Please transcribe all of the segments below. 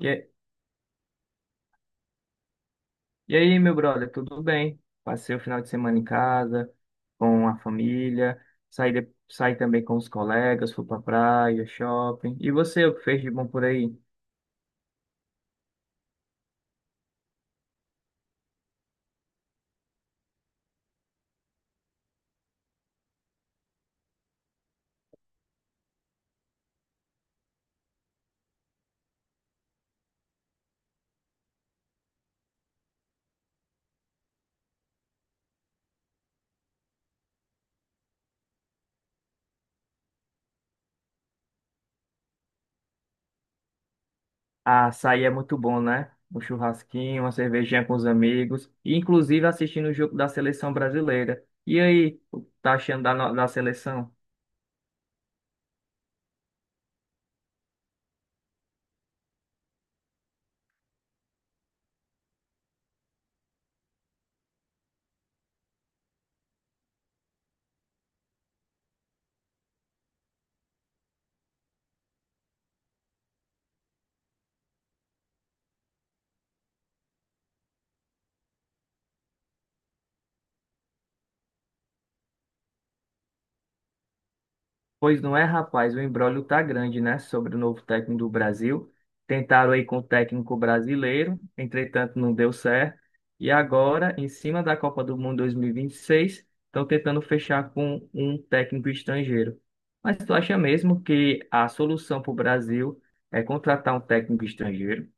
E, a- e aí, meu brother, tudo bem? Passei o final de semana em casa, com a família, saí também com os colegas, fui pra praia, shopping. E você, o que fez de bom por aí? Ah, sair é muito bom, né? Um churrasquinho, uma cervejinha com os amigos, e inclusive assistindo o jogo da seleção brasileira. E aí, o que tá achando da seleção? Pois não é, rapaz, o imbróglio tá grande, né, sobre o novo técnico do Brasil. Tentaram aí com o técnico brasileiro, entretanto não deu certo. E agora, em cima da Copa do Mundo 2026, estão tentando fechar com um técnico estrangeiro. Mas tu acha mesmo que a solução para o Brasil é contratar um técnico estrangeiro?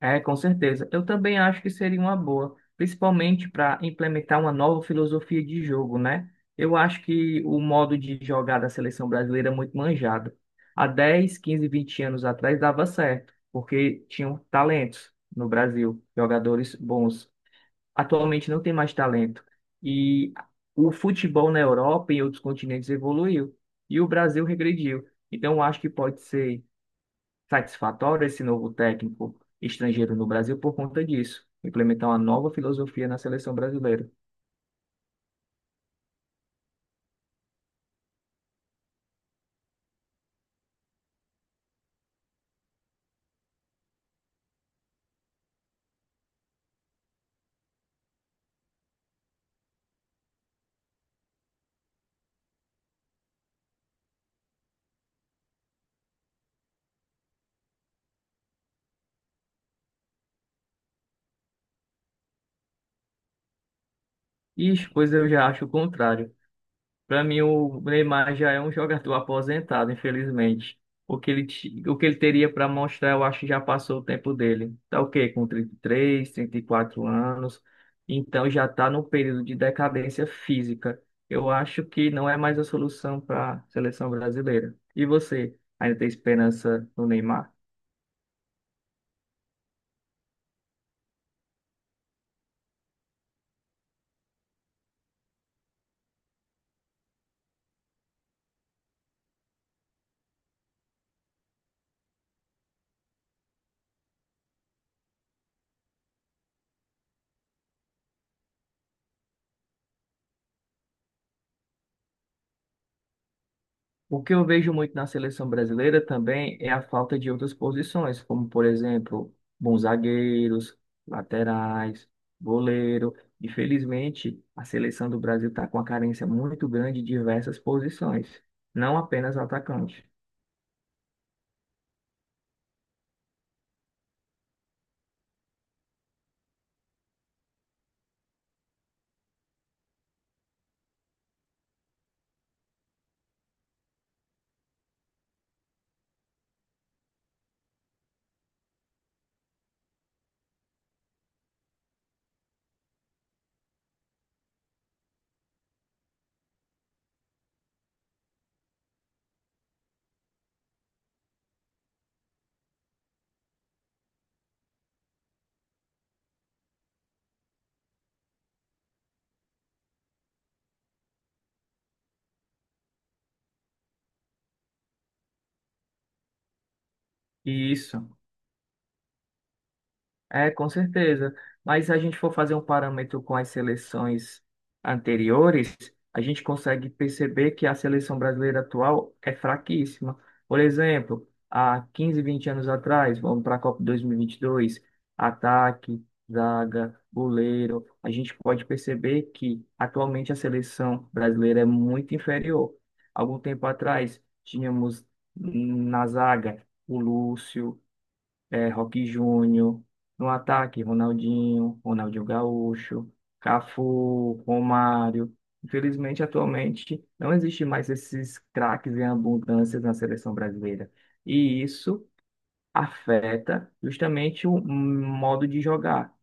É, com certeza. Eu também acho que seria uma boa, principalmente para implementar uma nova filosofia de jogo, né? Eu acho que o modo de jogar da seleção brasileira é muito manjado. Há 10, 15, 20 anos atrás dava certo, porque tinham talentos no Brasil, jogadores bons. Atualmente não tem mais talento. E o futebol na Europa e em outros continentes evoluiu, e o Brasil regrediu. Então, eu acho que pode ser satisfatório esse novo técnico estrangeiro no Brasil por conta disso, implementar uma nova filosofia na seleção brasileira. E pois eu já acho o contrário. Para mim, o Neymar já é um jogador aposentado, infelizmente. O que ele teria para mostrar, eu acho que já passou o tempo dele. Tá o quê? Com 33, 34 anos. Então já está no período de decadência física. Eu acho que não é mais a solução para a seleção brasileira. E você, ainda tem esperança no Neymar? O que eu vejo muito na seleção brasileira também é a falta de outras posições, como, por exemplo, bons zagueiros, laterais, goleiro. Infelizmente, a seleção do Brasil está com uma carência muito grande de diversas posições, não apenas atacante. E isso... É, com certeza. Mas se a gente for fazer um parâmetro com as seleções anteriores, a gente consegue perceber que a seleção brasileira atual é fraquíssima. Por exemplo, há 15, 20 anos atrás, vamos para a Copa 2022, ataque, zaga, goleiro, a gente pode perceber que atualmente a seleção brasileira é muito inferior. Algum tempo atrás, tínhamos na zaga o Lúcio, Roque Júnior, no ataque, Ronaldinho, Ronaldinho Gaúcho, Cafu, Romário. Infelizmente, atualmente, não existe mais esses craques em abundância na seleção brasileira. E isso afeta justamente o modo de jogar.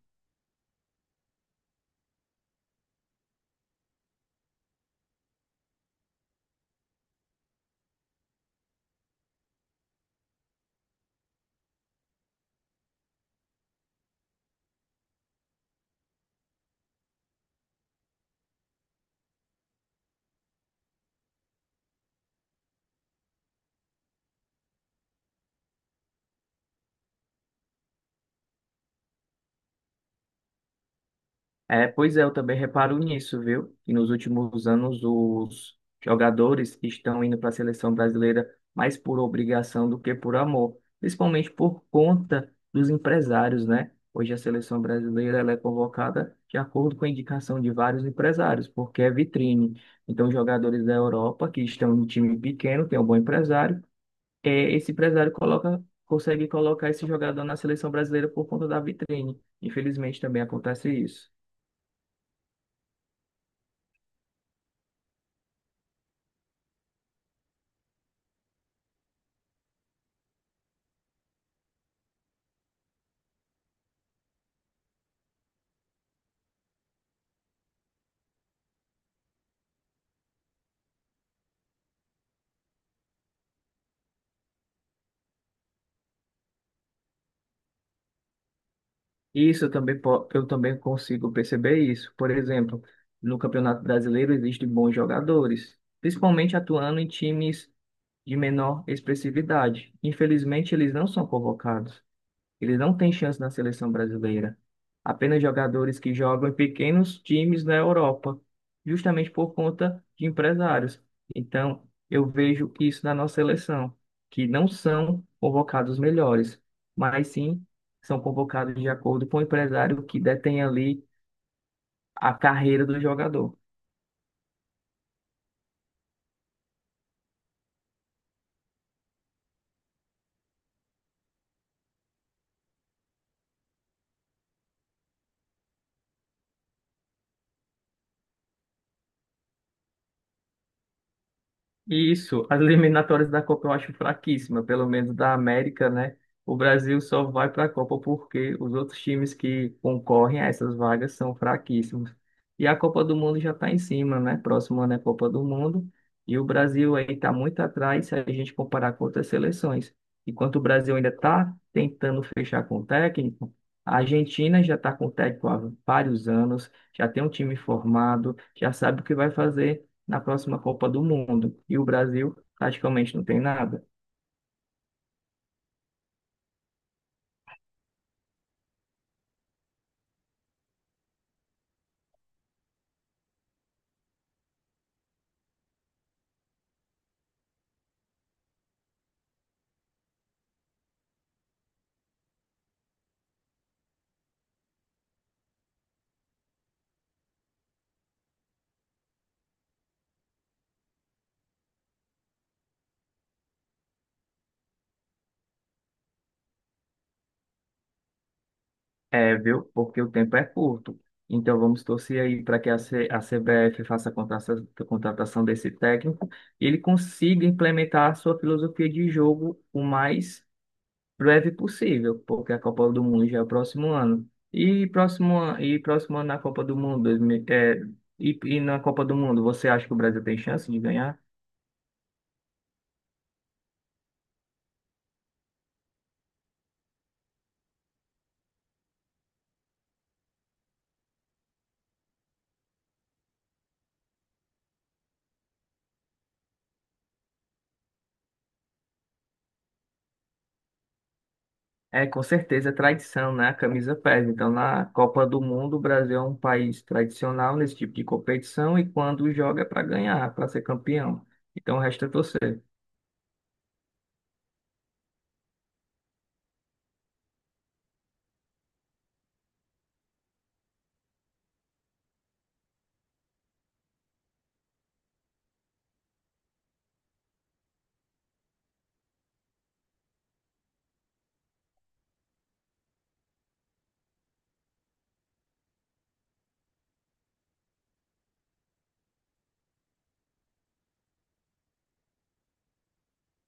É, pois é, eu também reparo nisso, viu? Que nos últimos anos os jogadores estão indo para a seleção brasileira mais por obrigação do que por amor, principalmente por conta dos empresários, né? Hoje a seleção brasileira ela é convocada de acordo com a indicação de vários empresários, porque é vitrine. Então, jogadores da Europa que estão em time pequeno, tem um bom empresário, esse empresário coloca, consegue colocar esse jogador na seleção brasileira por conta da vitrine. Infelizmente também acontece isso. Isso eu também, eu também consigo perceber isso. Por exemplo, no Campeonato Brasileiro existem bons jogadores, principalmente atuando em times de menor expressividade. Infelizmente, eles não são convocados. Ele não tem chance na seleção brasileira. Apenas jogadores que jogam em pequenos times na Europa, justamente por conta de empresários. Então, eu vejo isso na nossa seleção, que não são convocados os melhores, mas sim são convocados de acordo com o empresário que detém ali a carreira do jogador. Isso, as eliminatórias da Copa eu acho fraquíssima, pelo menos da América, né? O Brasil só vai para a Copa porque os outros times que concorrem a essas vagas são fraquíssimos. E a Copa do Mundo já está em cima, né? Próximo ano é Copa do Mundo. E o Brasil aí está muito atrás se a gente comparar com outras seleções. Enquanto o Brasil ainda está tentando fechar com o técnico, a Argentina já está com o técnico há vários anos, já tem um time formado, já sabe o que vai fazer na próxima Copa do Mundo. E o Brasil praticamente não tem nada. É, viu? Porque o tempo é curto. Então vamos torcer aí para que a CBF faça a contratação desse técnico e ele consiga implementar a sua filosofia de jogo o mais breve possível, porque a Copa do Mundo já é o próximo ano. E próximo ano na Copa do Mundo, e na Copa do Mundo, você acha que o Brasil tem chance de ganhar? É, com certeza, é tradição, né? A camisa pesa. Então, na Copa do Mundo, o Brasil é um país tradicional nesse tipo de competição e quando joga é para ganhar, para ser campeão. Então, resta torcer.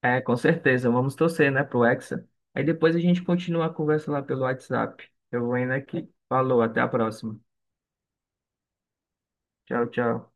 É, com certeza, vamos torcer, né, pro Hexa. Aí depois a gente continua a conversa lá pelo WhatsApp. Eu vou indo aqui. Falou, até a próxima. Tchau, tchau.